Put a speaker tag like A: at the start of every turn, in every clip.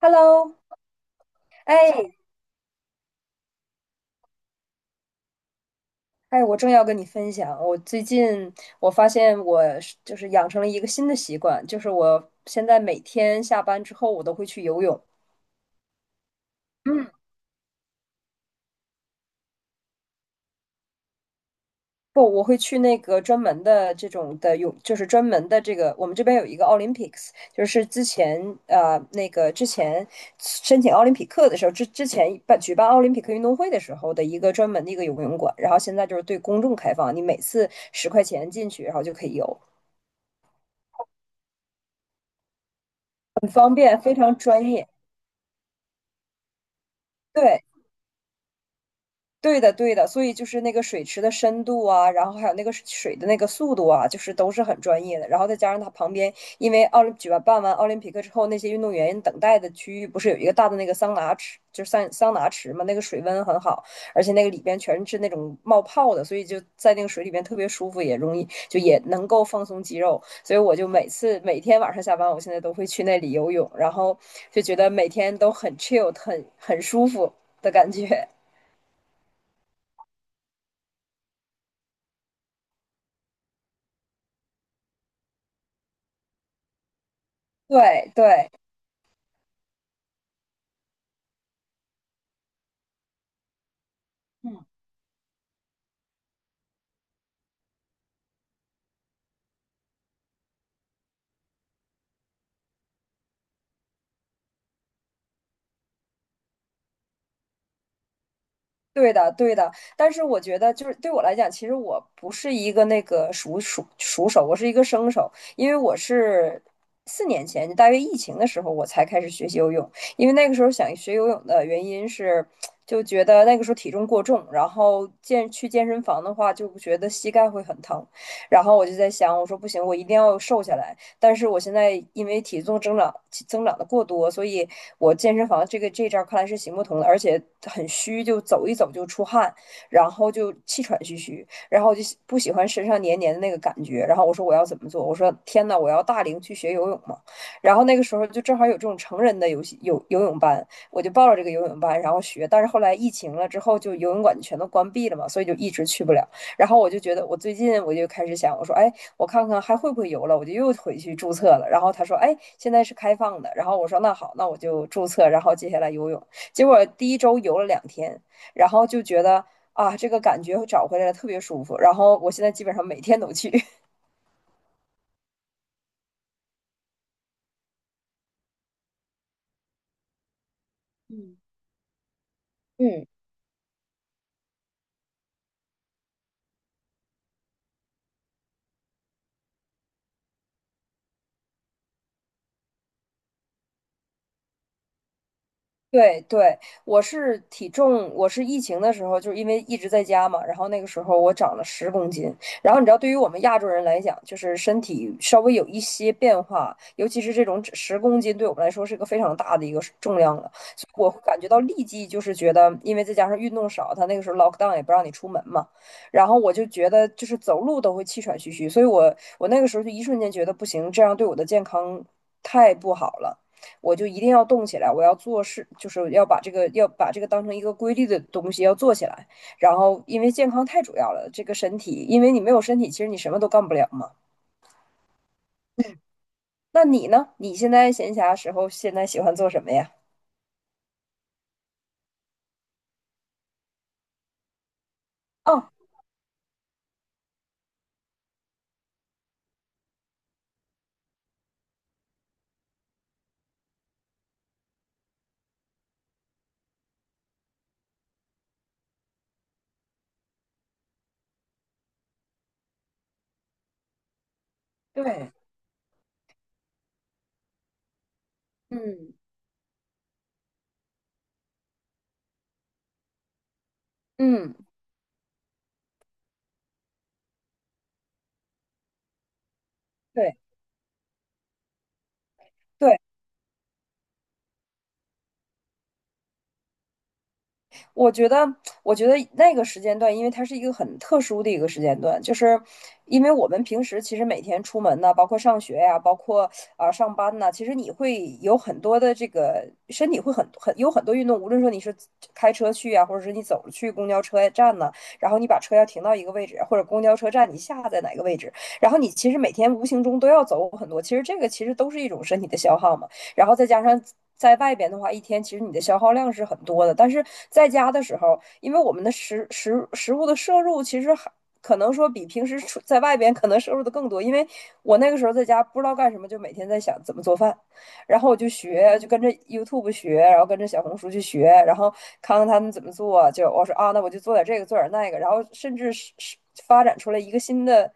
A: Hello。哎哎，我正要跟你分享，我最近，我发现就是养成了一个新的习惯，就是我现在每天下班之后我都会去游泳。嗯，不，我会去那个专门的这种的泳，就是专门的这个，我们这边有一个 Olympics，就是之前，那个之前申请奥林匹克的时候，之前举办奥林匹克运动会的时候的一个专门的一个游泳馆，然后现在就是对公众开放，你每次10块钱进去，然后就可以游。方便，非常专业。对，对的，对的，所以就是那个水池的深度啊，然后还有那个水的那个速度啊，就是都是很专业的。然后再加上它旁边，因为举办完奥林匹克之后，那些运动员等待的区域不是有一个大的那个桑拿池，就是桑拿池嘛，那个水温很好，而且那个里边全是那种冒泡的，所以就在那个水里边特别舒服，也容易，就也能够放松肌肉。所以我就每天晚上下班，我现在都会去那里游泳，然后就觉得每天都很 chill，很舒服的感觉。对对，嗯，对的对的。但是我觉得，就是对我来讲，其实我不是一个那个熟手，我是一个生手，因为我是4年前，就大约疫情的时候，我才开始学习游泳。因为那个时候想学游泳的原因是，就觉得那个时候体重过重，然后去健身房的话，就觉得膝盖会很疼。然后我就在想，我说不行，我一定要瘦下来。但是我现在因为体重增长的过多，所以我健身房这招看来是行不通的，而且很虚，就走一走就出汗，然后就气喘吁吁，然后就不喜欢身上黏黏的那个感觉。然后我说我要怎么做？我说天呐，我要大龄去学游泳嘛。然后那个时候就正好有这种成人的游戏游游泳班，我就报了这个游泳班，然后学。但是后来疫情了之后，就游泳馆全都关闭了嘛，所以就一直去不了。然后我就觉得，我最近我就开始想，我说，哎，我看看还会不会游了，我就又回去注册了。然后他说，哎，现在是开放的。然后我说，那好，那我就注册。然后接下来游泳，结果第一周游了2天，然后就觉得啊，这个感觉找回来了，特别舒服。然后我现在基本上每天都去。嗯，对对，我是体重，我是疫情的时候，就是因为一直在家嘛，然后那个时候我长了十公斤。然后你知道，对于我们亚洲人来讲，就是身体稍微有一些变化，尤其是这种十公斤，对我们来说是一个非常大的一个重量了。所以我会感觉到立即就是觉得，因为再加上运动少，他那个时候 lockdown 也不让你出门嘛，然后我就觉得就是走路都会气喘吁吁，所以我那个时候就一瞬间觉得不行，这样对我的健康太不好了。我就一定要动起来，我要做事，就是要把这个要把这个当成一个规律的东西要做起来。然后，因为健康太主要了，这个身体，因为你没有身体，其实你什么都干不了嘛。那你呢？你现在闲暇时候现在喜欢做什么呀？哦，对，嗯嗯，对对。我觉得，我觉得那个时间段，因为它是一个很特殊的一个时间段，就是因为我们平时其实每天出门呢，包括上学呀、包括啊、上班呐，其实你会有很多的这个身体会很有很多运动，无论说你是开车去啊，或者是你走着去公交车站呢，然后你把车要停到一个位置，或者公交车站你下在哪个位置，然后你其实每天无形中都要走很多，其实这个其实都是一种身体的消耗嘛。然后再加上在外边的话，一天其实你的消耗量是很多的。但是在家的时候，因为我们的食物的摄入其实还可能说比平时出在外边可能摄入的更多，因为我那个时候在家不知道干什么，就每天在想怎么做饭，然后我就学，就跟着 YouTube 学，然后跟着小红书去学，然后看看他们怎么做，就我说啊，那我就做点这个，做点那个，然后甚至是发展出来一个新的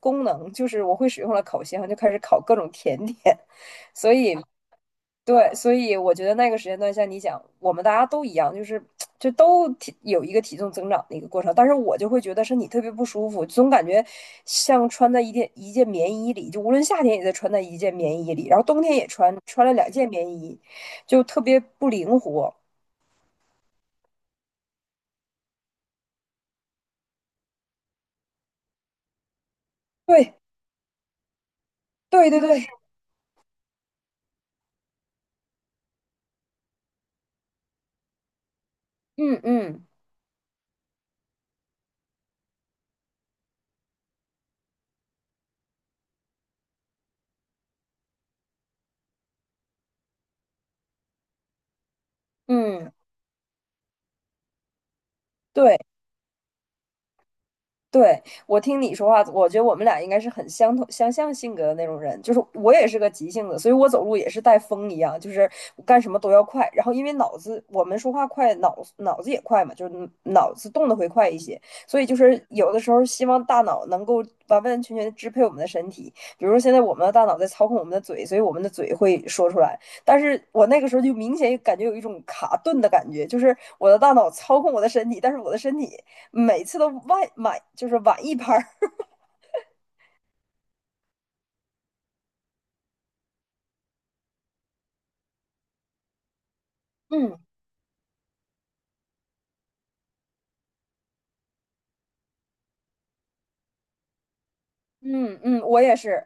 A: 功能，就是我会使用了烤箱，就开始烤各种甜点。所以对，所以我觉得那个时间段像你想，我们大家都一样，就是就都有一个体重增长的一个过程，但是我就会觉得身体特别不舒服，总感觉像穿在一件一件棉衣里，就无论夏天也在穿在一件棉衣里，然后冬天也穿了2件棉衣，就特别不灵活。对，对对对，嗯嗯嗯，对。对，我听你说话，我觉得我们俩应该是很相同、相像性格的那种人。就是我也是个急性子，所以我走路也是带风一样，就是我干什么都要快。然后因为脑子，我们说话快，脑子也快嘛，就是脑子动得会快一些。所以就是有的时候希望大脑能够完完全全地支配我们的身体。比如说现在我们的大脑在操控我们的嘴，所以我们的嘴会说出来。但是我那个时候就明显感觉有一种卡顿的感觉，就是我的大脑操控我的身体，但是我的身体每次都就是晚一拍。 嗯嗯嗯，我也是，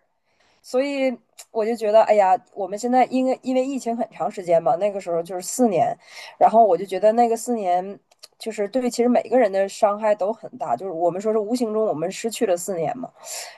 A: 所以我就觉得，哎呀，我们现在因为疫情很长时间嘛，那个时候就是四年，然后我就觉得那个四年就是对其实每个人的伤害都很大，就是我们说是无形中我们失去了四年嘛，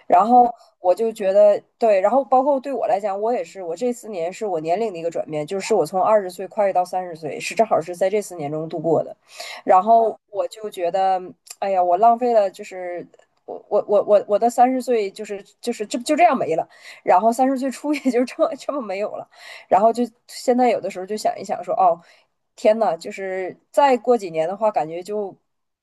A: 然后我就觉得对，然后包括对我来讲，我也是，我这四年是我年龄的一个转变，就是我从二十岁跨越到三十岁，是正好是在这四年中度过的。然后我就觉得，哎呀，我浪费了，就是我的三十岁，就是这样没了，然后三十岁初也就这么没有了，然后就现在有的时候就想一想说，哦，天呐，就是再过几年的话，感觉就。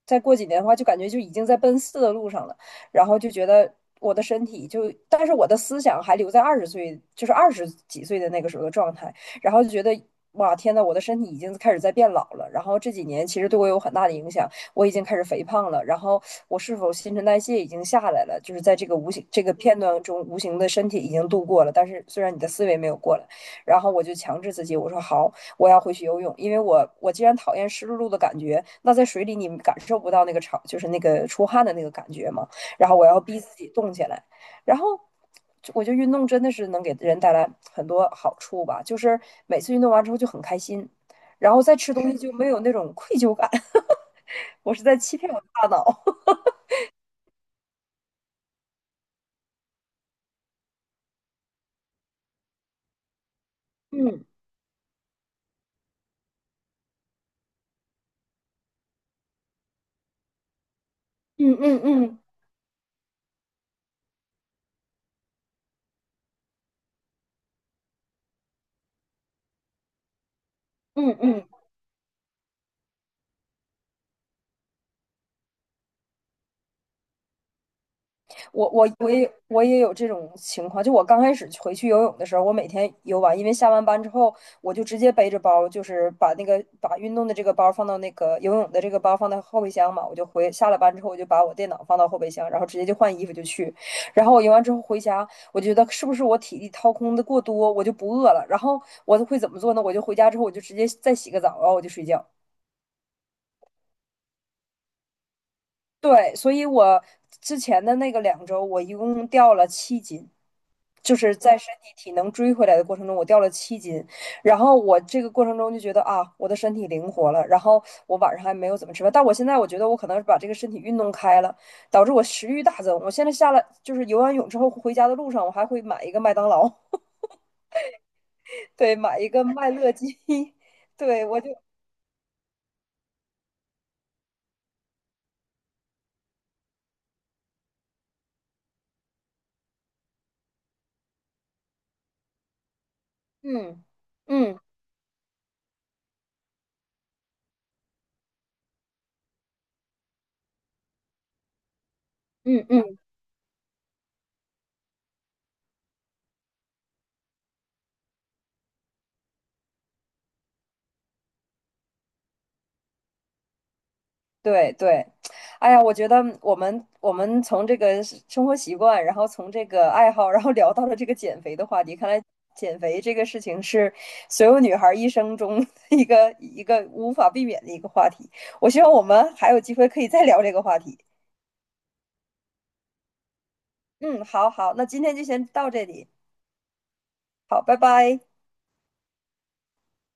A: 再过几年的话，就感觉就已经在奔四的路上了。然后就觉得我的身体就，但是我的思想还留在二十岁，就是20几岁的那个时候的状态，然后就觉得。哇，天呐，我的身体已经开始在变老了，然后这几年其实对我有很大的影响，我已经开始肥胖了，然后我是否新陈代谢已经下来了，就是在这个无形这个片段中，无形的身体已经度过了，但是虽然你的思维没有过来，然后我就强制自己，我说好，我要回去游泳，因为我既然讨厌湿漉漉的感觉，那在水里你感受不到那个潮，就是那个出汗的那个感觉嘛，然后我要逼自己动起来，然后我觉得运动真的是能给人带来很多好处吧，就是每次运动完之后就很开心，然后再吃东西就没有那种愧疚感。我是在欺骗我的大脑。嗯嗯嗯嗯嗯嗯，我也有这种情况，就我刚开始回去游泳的时候，我每天游完，因为下完班之后，我就直接背着包，就是把那个把运动的这个包放到那个游泳的这个包放到后备箱嘛，我就回下了班之后，我就把我电脑放到后备箱，然后直接就换衣服就去，然后我游完之后回家，我觉得是不是我体力掏空的过多，我就不饿了，然后我会怎么做呢？我就回家之后我就直接再洗个澡，然后我就睡觉。对，所以我之前的那个2周，我一共掉了七斤，就是在身体体能追回来的过程中，我掉了七斤。然后我这个过程中就觉得啊，我的身体灵活了。然后我晚上还没有怎么吃饭，但我现在我觉得我可能是把这个身体运动开了，导致我食欲大增。我现在下来就是游完泳之后回家的路上，我还会买一个麦当劳，对，买一个麦乐鸡，对我就嗯嗯嗯嗯。对对，哎呀，我觉得我们从这个是生活习惯，然后从这个爱好，然后聊到了这个减肥的话题。看来减肥这个事情是所有女孩儿一生中 一个无法避免的一个话题。我希望我们还有机会可以再聊这个话题。嗯，好好，那今天就先到这里，好，拜拜。